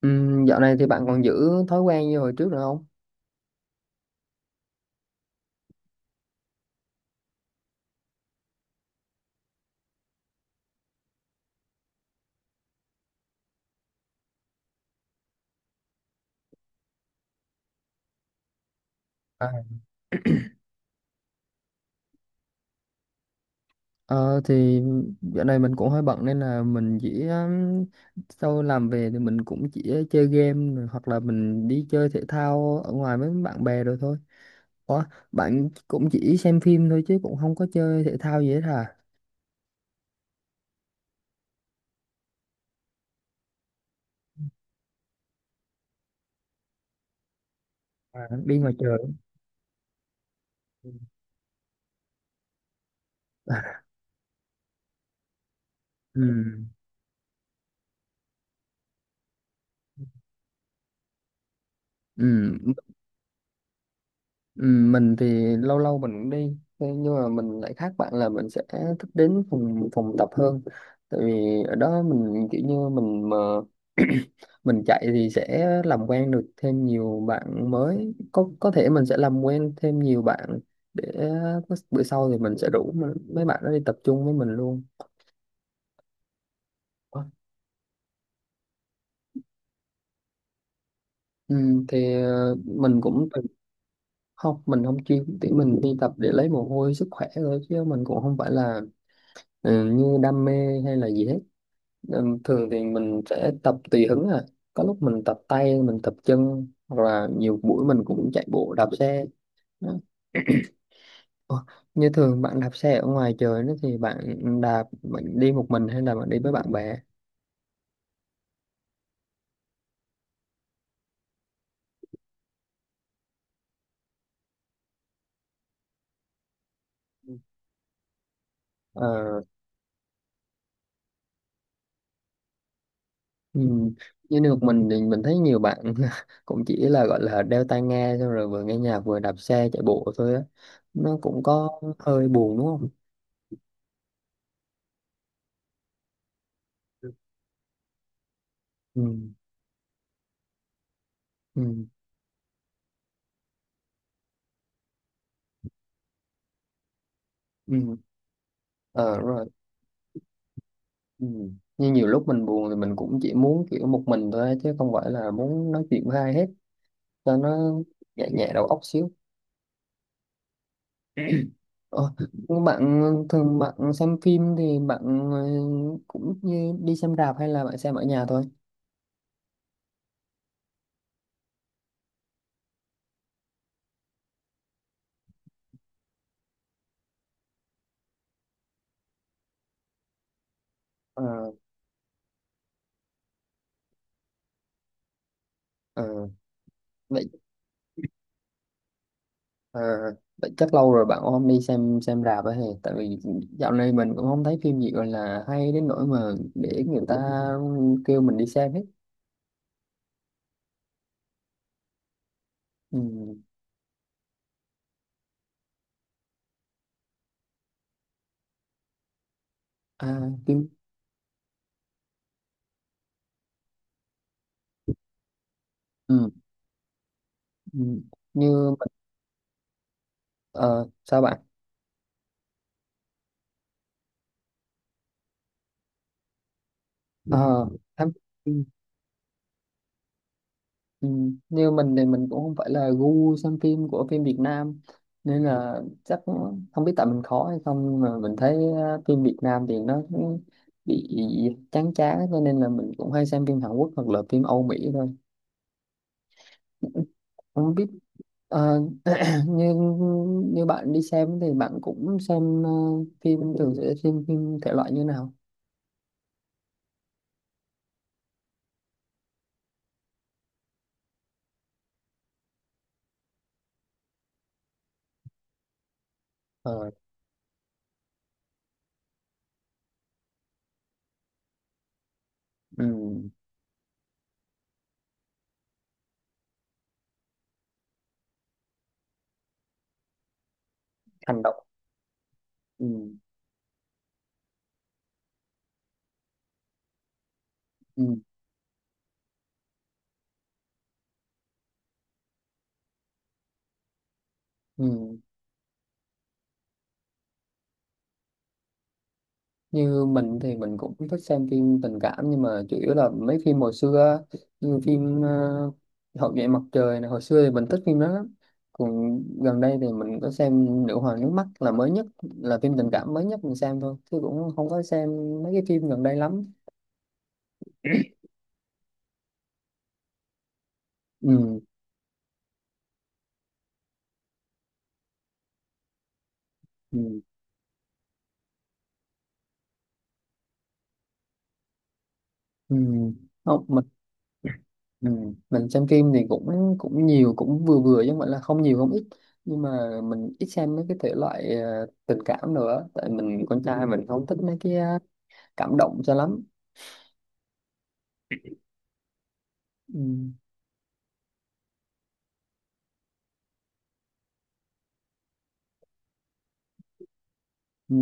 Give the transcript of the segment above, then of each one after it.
Dạo này thì bạn còn giữ thói quen như hồi trước nữa không? À. Ờ thì dạo này mình cũng hơi bận nên là mình chỉ sau làm về thì mình cũng chỉ chơi game rồi, hoặc là mình đi chơi thể thao ở ngoài với bạn bè rồi thôi. Ủa, bạn cũng chỉ xem phim thôi chứ cũng không có chơi thể thao gì hết hả? À, đi ngoài trời. Ừ. Ừ. Ừ, mình thì lâu lâu mình cũng đi. Thế nhưng mà mình lại khác bạn là mình sẽ thích đến phòng phòng tập hơn, tại vì ở đó mình kiểu như mình mà mình chạy thì sẽ làm quen được thêm nhiều bạn mới, có thể mình sẽ làm quen thêm nhiều bạn để bữa sau thì mình sẽ rủ mấy bạn đó đi tập trung với mình luôn. Ừ, thì mình cũng từng- Không, mình không chuyên, thì mình đi tập để lấy mồ hôi sức khỏe thôi, chứ mình cũng không phải là, ừ, như đam mê hay là gì hết. Ừ, thường thì mình sẽ tập tùy hứng à, có lúc mình tập tay, mình tập chân, hoặc là nhiều buổi mình cũng chạy bộ đạp xe. Đó. Ủa, như thường bạn đạp xe ở ngoài trời đó, thì bạn đạp, bạn đi một mình hay là bạn đi với bạn bè? Ờ, ừ. Như được, mình thì mình thấy nhiều bạn cũng chỉ là gọi là đeo tai nghe xong rồi vừa nghe nhạc vừa đạp xe chạy bộ thôi á, nó cũng có hơi buồn đúng không? Ừ. Ừ. Ừ. Ừ. Ờ, rồi. Ừ. Như nhiều lúc mình buồn thì mình cũng chỉ muốn kiểu một mình thôi á, chứ không phải là muốn nói chuyện với ai hết, cho nó nhẹ nhẹ đầu óc xíu. Ờ, nhưng bạn, thường bạn xem phim thì bạn, cũng như đi xem rạp hay là bạn xem ở nhà thôi? Ờ, ờ, vậy. ờ, Vậy chắc lâu rồi bạn cũng không đi xem rạp ấy hề. Tại vì dạo này mình cũng không thấy phim gì gọi là hay đến nỗi mà để người ta kêu mình đi xem hết. Ừ. À, phim. Ừ. Ừ. Như, ờ, sao bạn. Ờ, em- ừ, ừ. Như mình thì mình cũng không phải là gu xem phim của phim Việt Nam, nên là chắc, không biết tại mình khó hay không, nhưng mà mình thấy, phim Việt Nam thì nó cũng bị chán chán, cho nên là mình cũng hay xem phim Hàn Quốc hoặc là phim Âu Mỹ thôi. Không biết. ờ, như như bạn đi xem thì bạn cũng xem, phim, thường sẽ xem phim thể loại như nào? Ờ, ừ, hành động. Ừ, ừ, ừ. Như mình thì mình cũng thích xem phim tình cảm, nhưng mà chủ yếu là mấy phim hồi xưa á, như phim, Hậu duệ mặt trời này, hồi xưa thì mình thích phim đó lắm. Còn gần đây thì mình có xem Nữ hoàng nước mắt là mới nhất, là phim tình cảm mới nhất mình xem thôi chứ cũng không có xem mấy cái phim gần đây lắm. Ừ. Ừ. Ừ. Không, mình. Ừ. Mình xem phim thì cũng cũng nhiều, cũng vừa vừa, chứ không phải là không nhiều không ít, nhưng mà mình ít xem mấy cái thể loại, tình cảm nữa, tại mình con trai mình không thích mấy cái cảm động cho lắm. Ừ. Ừ.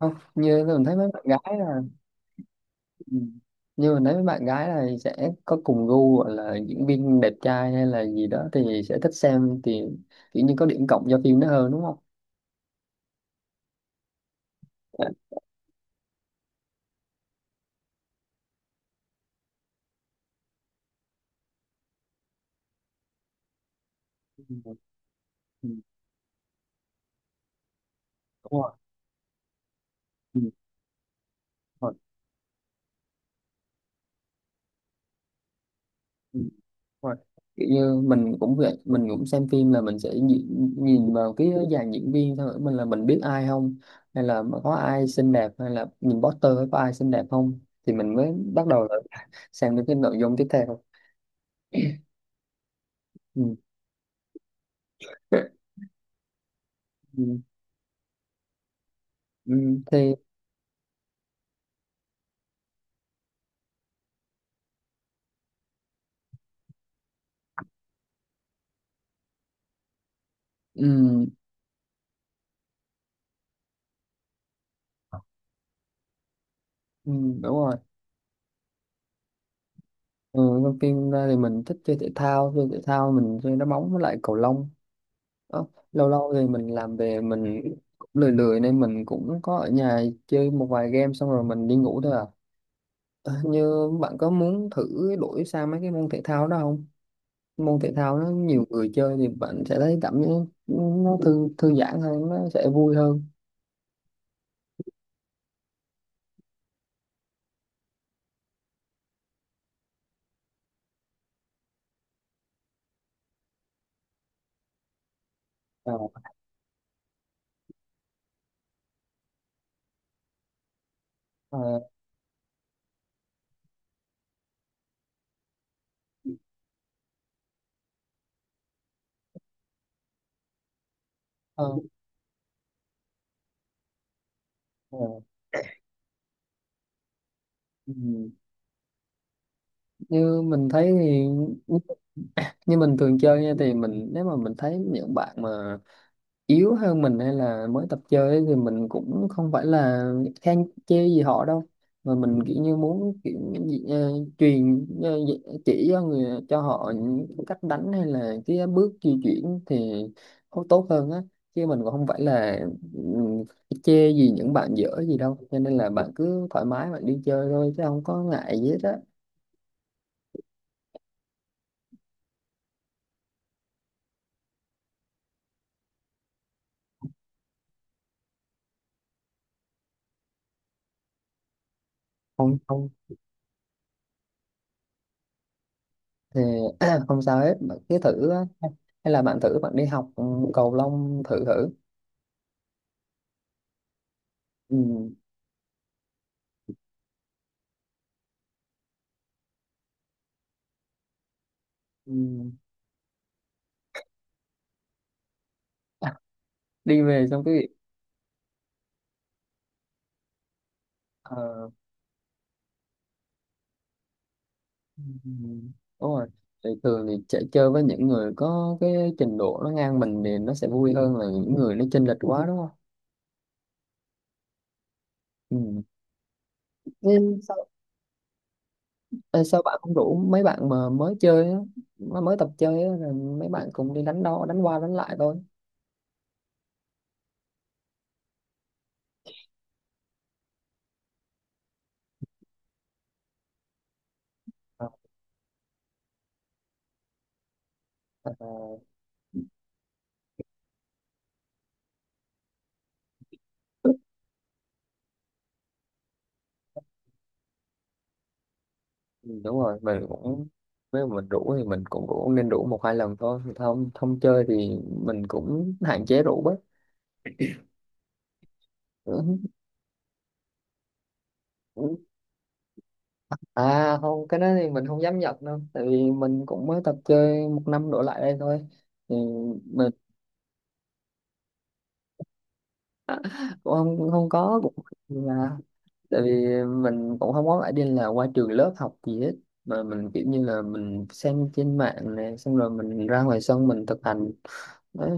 Không, như mình thấy mấy bạn gái là. Ừ. Như mình thấy mấy bạn gái là sẽ có cùng gu, gọi là diễn viên đẹp trai hay là gì đó thì sẽ thích xem, thì kiểu như có điểm cộng cho phim đó hơn đúng không? Dạ. Ừ. Ừ. Đúng rồi. Ừ. Đúng rồi. Ừ. Đúng rồi. Kiểu như mình cũng vậy, mình cũng xem phim là mình sẽ nhìn vào cái dàn diễn viên thôi, mình là mình biết ai không, hay là có ai xinh đẹp, hay là nhìn poster có ai xinh đẹp không, thì mình mới bắt đầu là sang đến cái nội dung tiếp theo. Ừ. Ừ. Ừ. Thì. Ừ. Ừ. Đúng rồi. Ừ. Đầu tiên ra thì mình thích chơi thể thao, chơi thể thao mình chơi đá bóng với lại cầu lông. Đó. Lâu lâu thì mình làm về, mình cũng lười lười nên mình cũng có ở nhà chơi một vài game xong rồi mình đi ngủ thôi à. Ờ, như bạn có muốn thử đổi sang mấy cái môn thể thao đó không? Môn thể thao nó nhiều người chơi thì bạn sẽ thấy cảm giác nó thư thư giãn hơn, nó sẽ vui hơn. Ờ, ờ, ờ, ờ. Ừ. Như mình thấy thì, như mình thường chơi nha, thì mình, nếu mà mình thấy những bạn mà yếu hơn mình hay là mới tập chơi ấy, thì mình cũng không phải là khen chê gì họ đâu, mà mình kiểu như muốn kiểu gì- ờ, truyền ờ, chỉ cho người, cho họ những cách đánh hay là cái bước di chuyển thì tốt tốt hơn á, chứ mình cũng không phải là, ừ, chê gì những bạn dở gì đâu, cho nên là bạn cứ thoải mái bạn đi chơi thôi chứ không có ngại gì hết á. Không thì không sao hết, bạn cứ thử á. Hay là bạn thử bạn đi học, ừ, cầu lông thử thử. Ừ. Ừ. À, đi về xong cái việc ờ, ừ, đúng rồi. Thì thường thì chạy chơi với những người có cái trình độ nó ngang mình thì nó sẽ vui hơn là những người nó chênh lệch quá đúng không? Ừ. Nên sao, ờ, Sao bạn không rủ mấy bạn mà mới chơi á, mà mới tập chơi á, rồi mấy bạn cùng đi đánh, đo đánh qua đánh lại thôi? Ờ, ờ. Ừ, đúng rồi. Mình cũng, nếu mà mình rủ thì mình cũng cũng nên rủ một hai lần thôi, không không chơi thì mình cũng hạn chế rủ bớt. Ừ, ừ. À không, cái đó thì mình không dám nhận đâu, tại vì mình cũng mới tập chơi một năm đổ lại đây thôi, thì mình cũng không có cũng là, tại vì mình cũng không có phải đi là qua trường lớp học gì hết, mà mình kiểu như là mình xem trên mạng này, xong rồi mình ra ngoài sân mình thực hành. Đấy.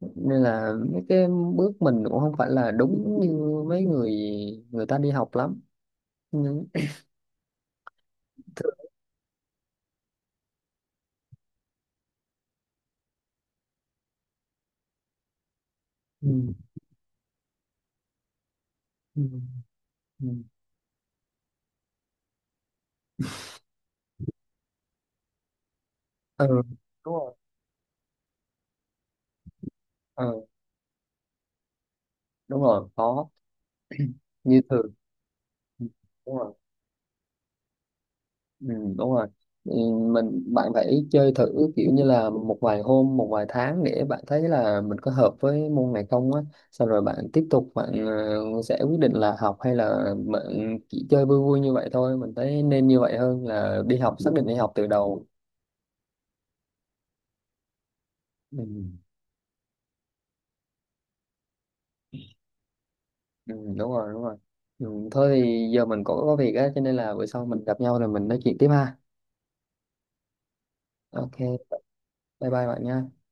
Nên là mấy cái bước mình cũng không phải là đúng như mấy người người ta đi học lắm, nhưng thường. Ừ. Ừ. Ừ. Đúng rồi. Ờ, đúng rồi có. Như thường. Ừ, đúng rồi. Ừ, đúng rồi. Ừ, mình, bạn phải chơi thử kiểu như là một vài hôm, một vài tháng để bạn thấy là mình có hợp với môn này không á, xong rồi bạn tiếp tục bạn, sẽ quyết định là học hay là bạn chỉ chơi vui vui như vậy thôi, mình thấy nên như vậy hơn là đi học xác định đi học từ đầu. Ừ, ừ, đúng rồi đúng rồi. Ừ, thôi thì giờ mình cũng có việc á, cho nên là bữa sau mình gặp nhau rồi mình nói chuyện tiếp ha. Ok. Bye bye bạn nha.